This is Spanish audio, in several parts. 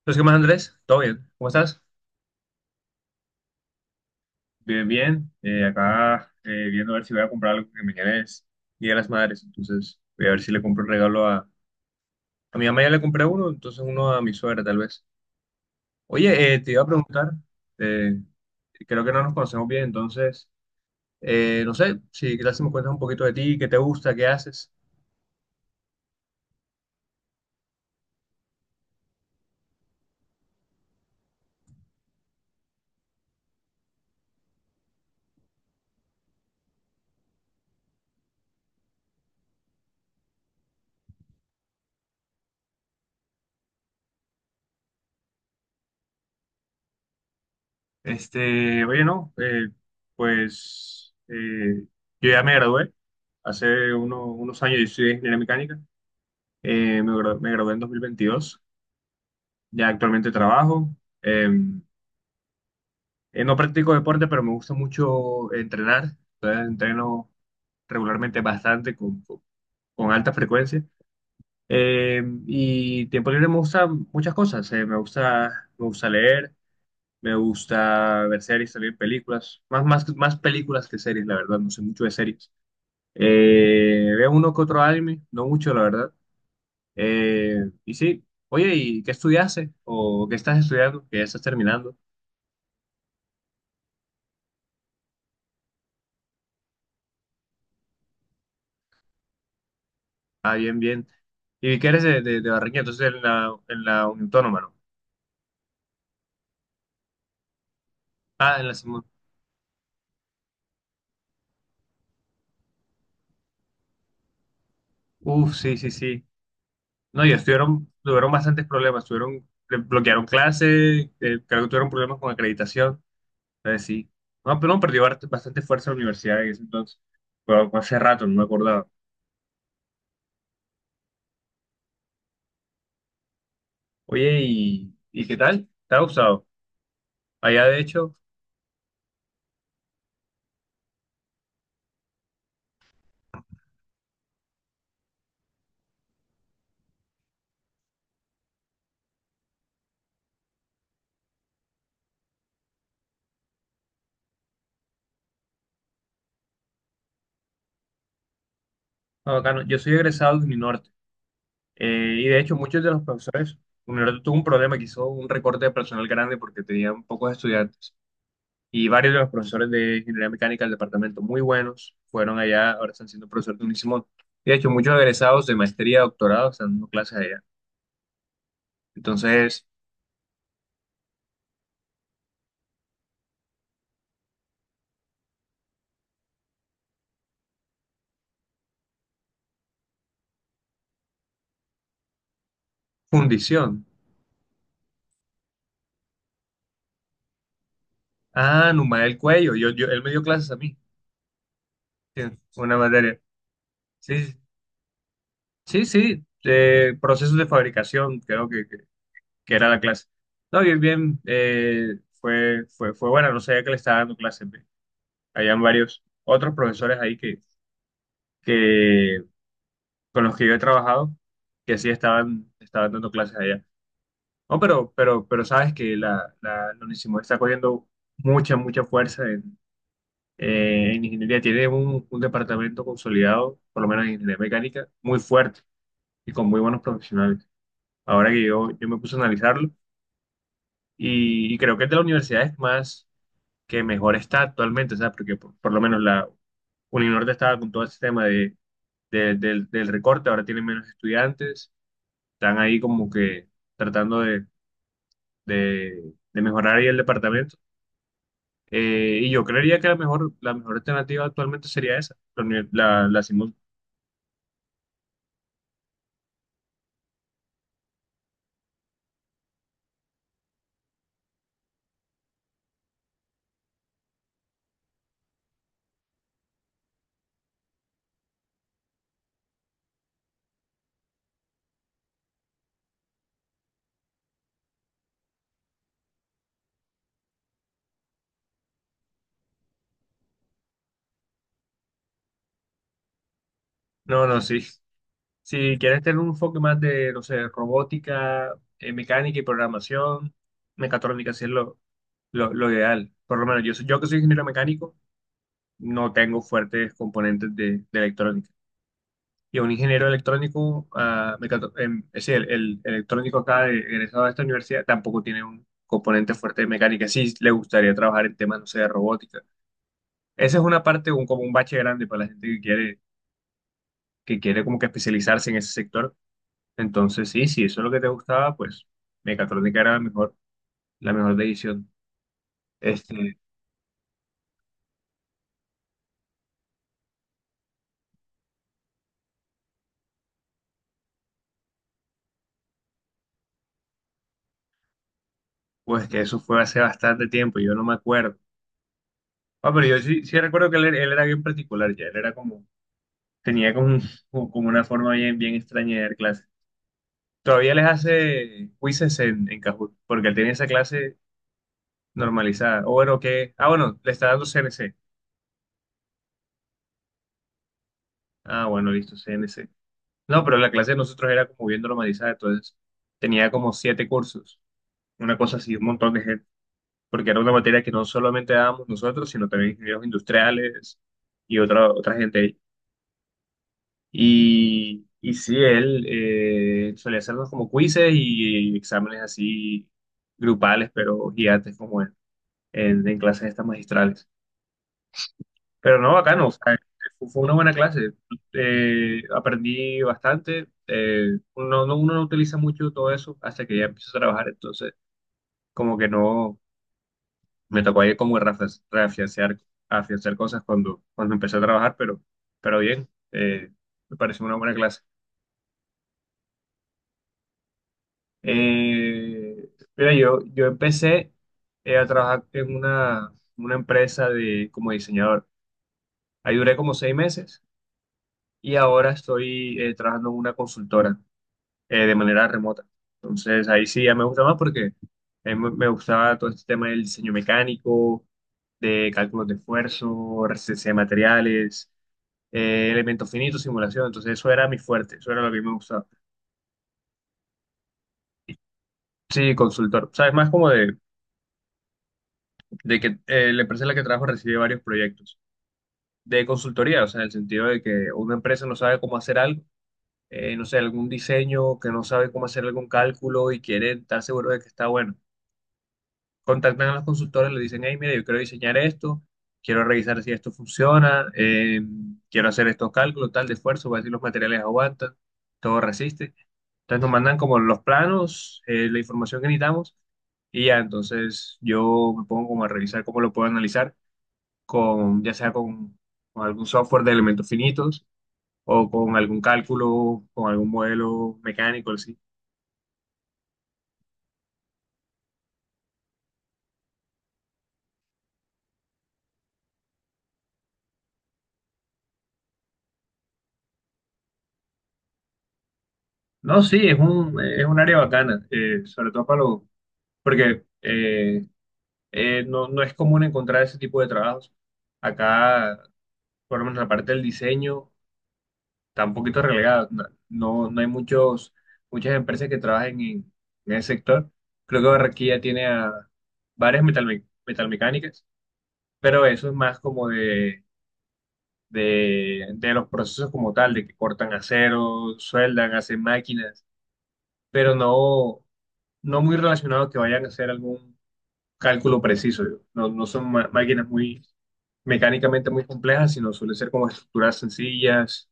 Entonces, ¿qué más, Andrés? ¿Todo bien? ¿Cómo estás? Bien, bien. Acá viendo a ver si voy a comprar algo que mañana es Día de las Madres. Entonces voy a ver si le compro un regalo a... A mi mamá ya le compré uno, entonces uno a mi suegra tal vez. Oye, te iba a preguntar, eh, creo que no nos conocemos bien, entonces, no sé, si quizás si me cuentas un poquito de ti, qué te gusta, qué haces. Este, oye, no, pues yo ya me gradué hace unos años, yo estudié ingeniería mecánica. Me gradué en 2022, ya actualmente trabajo. Eh, no practico deporte, pero me gusta mucho entrenar. Entonces entreno regularmente bastante con alta frecuencia. Y tiempo libre me gusta muchas cosas. Me gusta leer, me gusta ver series, también películas. Más películas que series, la verdad. No sé mucho de series. Veo uno que otro anime, no mucho, la verdad. Eh, y sí, Oye, ¿y qué estudiaste? ¿O qué estás estudiando? ¿Qué estás terminando? Ah, bien, bien. ¿Y vi que eres de Barranquilla? Entonces, en la Unión Autónoma, ¿no? Ah, en la Simón. Uf, sí, sí, sí. No, y estuvieron, tuvieron bastantes problemas. Tuvieron, le bloquearon clases, creo que tuvieron problemas con acreditación. Entonces, sí. No, pero no, perdió bastante fuerza la universidad en ese entonces. Pero hace rato, no me acordaba. Oye, y qué tal? ¿Te ha gustado? Allá, de hecho, está bacano. Yo soy egresado de Uninorte. Y de hecho, muchos de los profesores, universidad tuvo un problema que hizo un recorte de personal grande porque tenían pocos estudiantes. Y varios de los profesores de ingeniería mecánica del departamento muy buenos fueron allá, ahora están siendo profesores de Unisimón. Y de hecho, muchos egresados de maestría, doctorado están dando clases allá. Entonces, fundición. Ah, Numael Cuello, él me dio clases a mí, sí, una materia. Sí, sí, sí, sí, procesos de fabricación, creo que era la clase. No, bien, bien, fue buena, no sabía que le estaba dando clases. Ve. Habían varios otros profesores ahí que con los que yo he trabajado, que sí estaban, estaban dando clases allá. No, pero sabes que la Onisimod está cogiendo mucha fuerza en ingeniería. Tiene un departamento consolidado, por lo menos en ingeniería mecánica, muy fuerte y con muy buenos profesionales. Ahora que yo me puse a analizarlo, y creo que es de las universidades más que mejor está actualmente, o sea, porque por lo menos la Uninorte estaba con todo ese tema de, del recorte, ahora tienen menos estudiantes, están ahí como que tratando de mejorar ahí el departamento. Y yo creería que la mejor alternativa actualmente sería esa, la Simón. No, no, sí. Si quieres tener un enfoque más de, no sé, robótica, mecánica y programación, mecatrónica, sí es lo ideal. Por lo menos yo, yo que soy ingeniero mecánico, no tengo fuertes componentes de electrónica. Y a un ingeniero electrónico, ah, es decir, el electrónico acá egresado de esta universidad tampoco tiene un componente fuerte de mecánica. Sí, le gustaría trabajar en temas, no sé, de robótica. Esa es una parte, un, como un bache grande para la gente que quiere como que especializarse en ese sector. Entonces, sí, si eso es lo que te gustaba, pues mecatrónica era la mejor decisión. Este, pues que eso fue hace bastante tiempo, yo no me acuerdo. Ah, pero yo sí, sí recuerdo que él era bien particular ya, él era como, tenía como, como una forma bien, bien extraña de dar clases. Todavía les hace quizzes en Kahoot, porque él tenía esa clase normalizada. O bueno, que, ah, bueno, le está dando CNC. Ah, bueno, listo, CNC. No, pero la clase de nosotros era como bien normalizada, entonces tenía como 7 cursos, una cosa así, un montón de gente, porque era una materia que no solamente dábamos nosotros, sino también ingenieros industriales y otra, otra gente. Y sí, él solía hacernos como quizzes y exámenes así grupales, pero gigantes como él, en clases estas magistrales. Pero no, bacano, o sea, fue una buena clase. Aprendí bastante. Uno no utiliza mucho todo eso hasta que ya empiezo a trabajar, entonces como que no, me tocó ahí como reafianzar, afianzar cosas cuando, cuando empecé a trabajar, pero bien, me pareció una buena clase. Eh, Mira, yo empecé a trabajar en una empresa de, como diseñador. Ahí duré como 6 meses y ahora estoy trabajando en una consultora de manera remota. Entonces ahí sí ya me gusta más porque me gustaba todo este tema del diseño mecánico, de cálculos de esfuerzo, resistencia de materiales, elementos finitos, simulación. Entonces eso era mi fuerte, eso era lo que me gustaba. Sí, consultor. ¿Sabes? Más como de que la empresa en la que trabajo recibe varios proyectos de consultoría, o sea, en el sentido de que una empresa no sabe cómo hacer algo, no sé, algún diseño, que no sabe cómo hacer algún cálculo y quiere estar seguro de que está bueno. Contactan a los consultores, le dicen, hey, mira, yo quiero diseñar esto, quiero revisar si esto funciona, quiero hacer estos cálculos, tal, de esfuerzo, ver si los materiales aguantan, todo resiste. Entonces nos mandan como los planos, la información que necesitamos. Y ya, entonces yo me pongo como a revisar cómo lo puedo analizar con, ya sea con algún software de elementos finitos o con algún cálculo, con algún modelo mecánico, así. No, sí, es un área bacana, sobre todo para los, porque no, no es común encontrar ese tipo de trabajos. Acá, por lo menos la parte del diseño, está un poquito relegada. No, no, no hay muchos, muchas empresas que trabajen en ese sector. Creo que Barranquilla tiene a varias metalmecánicas, pero eso es más como de de los procesos como tal, de que cortan acero, sueldan, hacen máquinas, pero no, no muy relacionados que vayan a hacer algún cálculo preciso. No, no son máquinas muy mecánicamente muy complejas, sino suelen ser como estructuras sencillas,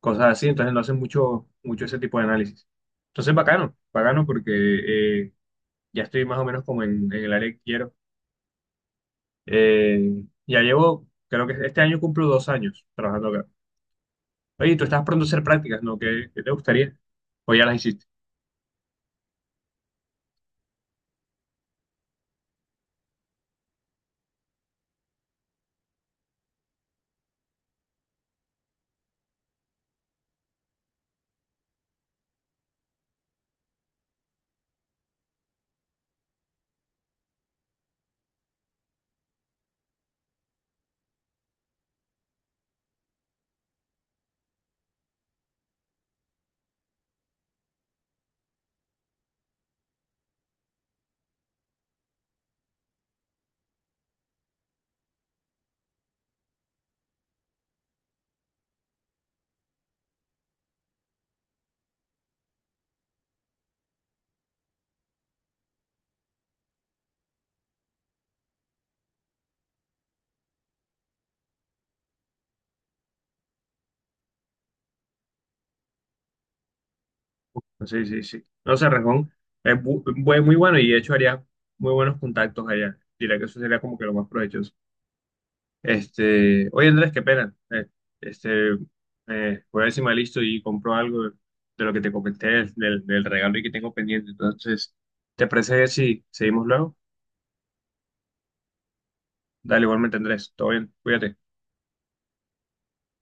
cosas así, entonces no hacen mucho ese tipo de análisis. Entonces, bacano, bacano porque eh, ya estoy más o menos como en el área que quiero. Eh, ya llevo, creo que este año cumplo 2 años trabajando acá. Oye, tú estás pronto a hacer prácticas, ¿no? ¿Qué, qué te gustaría? O ya las hiciste. Sí, sí, sí. No sé, Rejón es muy bueno y de hecho haría muy buenos contactos allá. Diría que eso sería como que lo más provechoso. Este, oye, Andrés, qué pena. Este, Voy a ver si me listo y compro algo de lo que te comenté, del, del regalo y que tengo pendiente. Entonces, ¿te parece si seguimos luego? Dale, igualmente, Andrés. Todo bien, cuídate.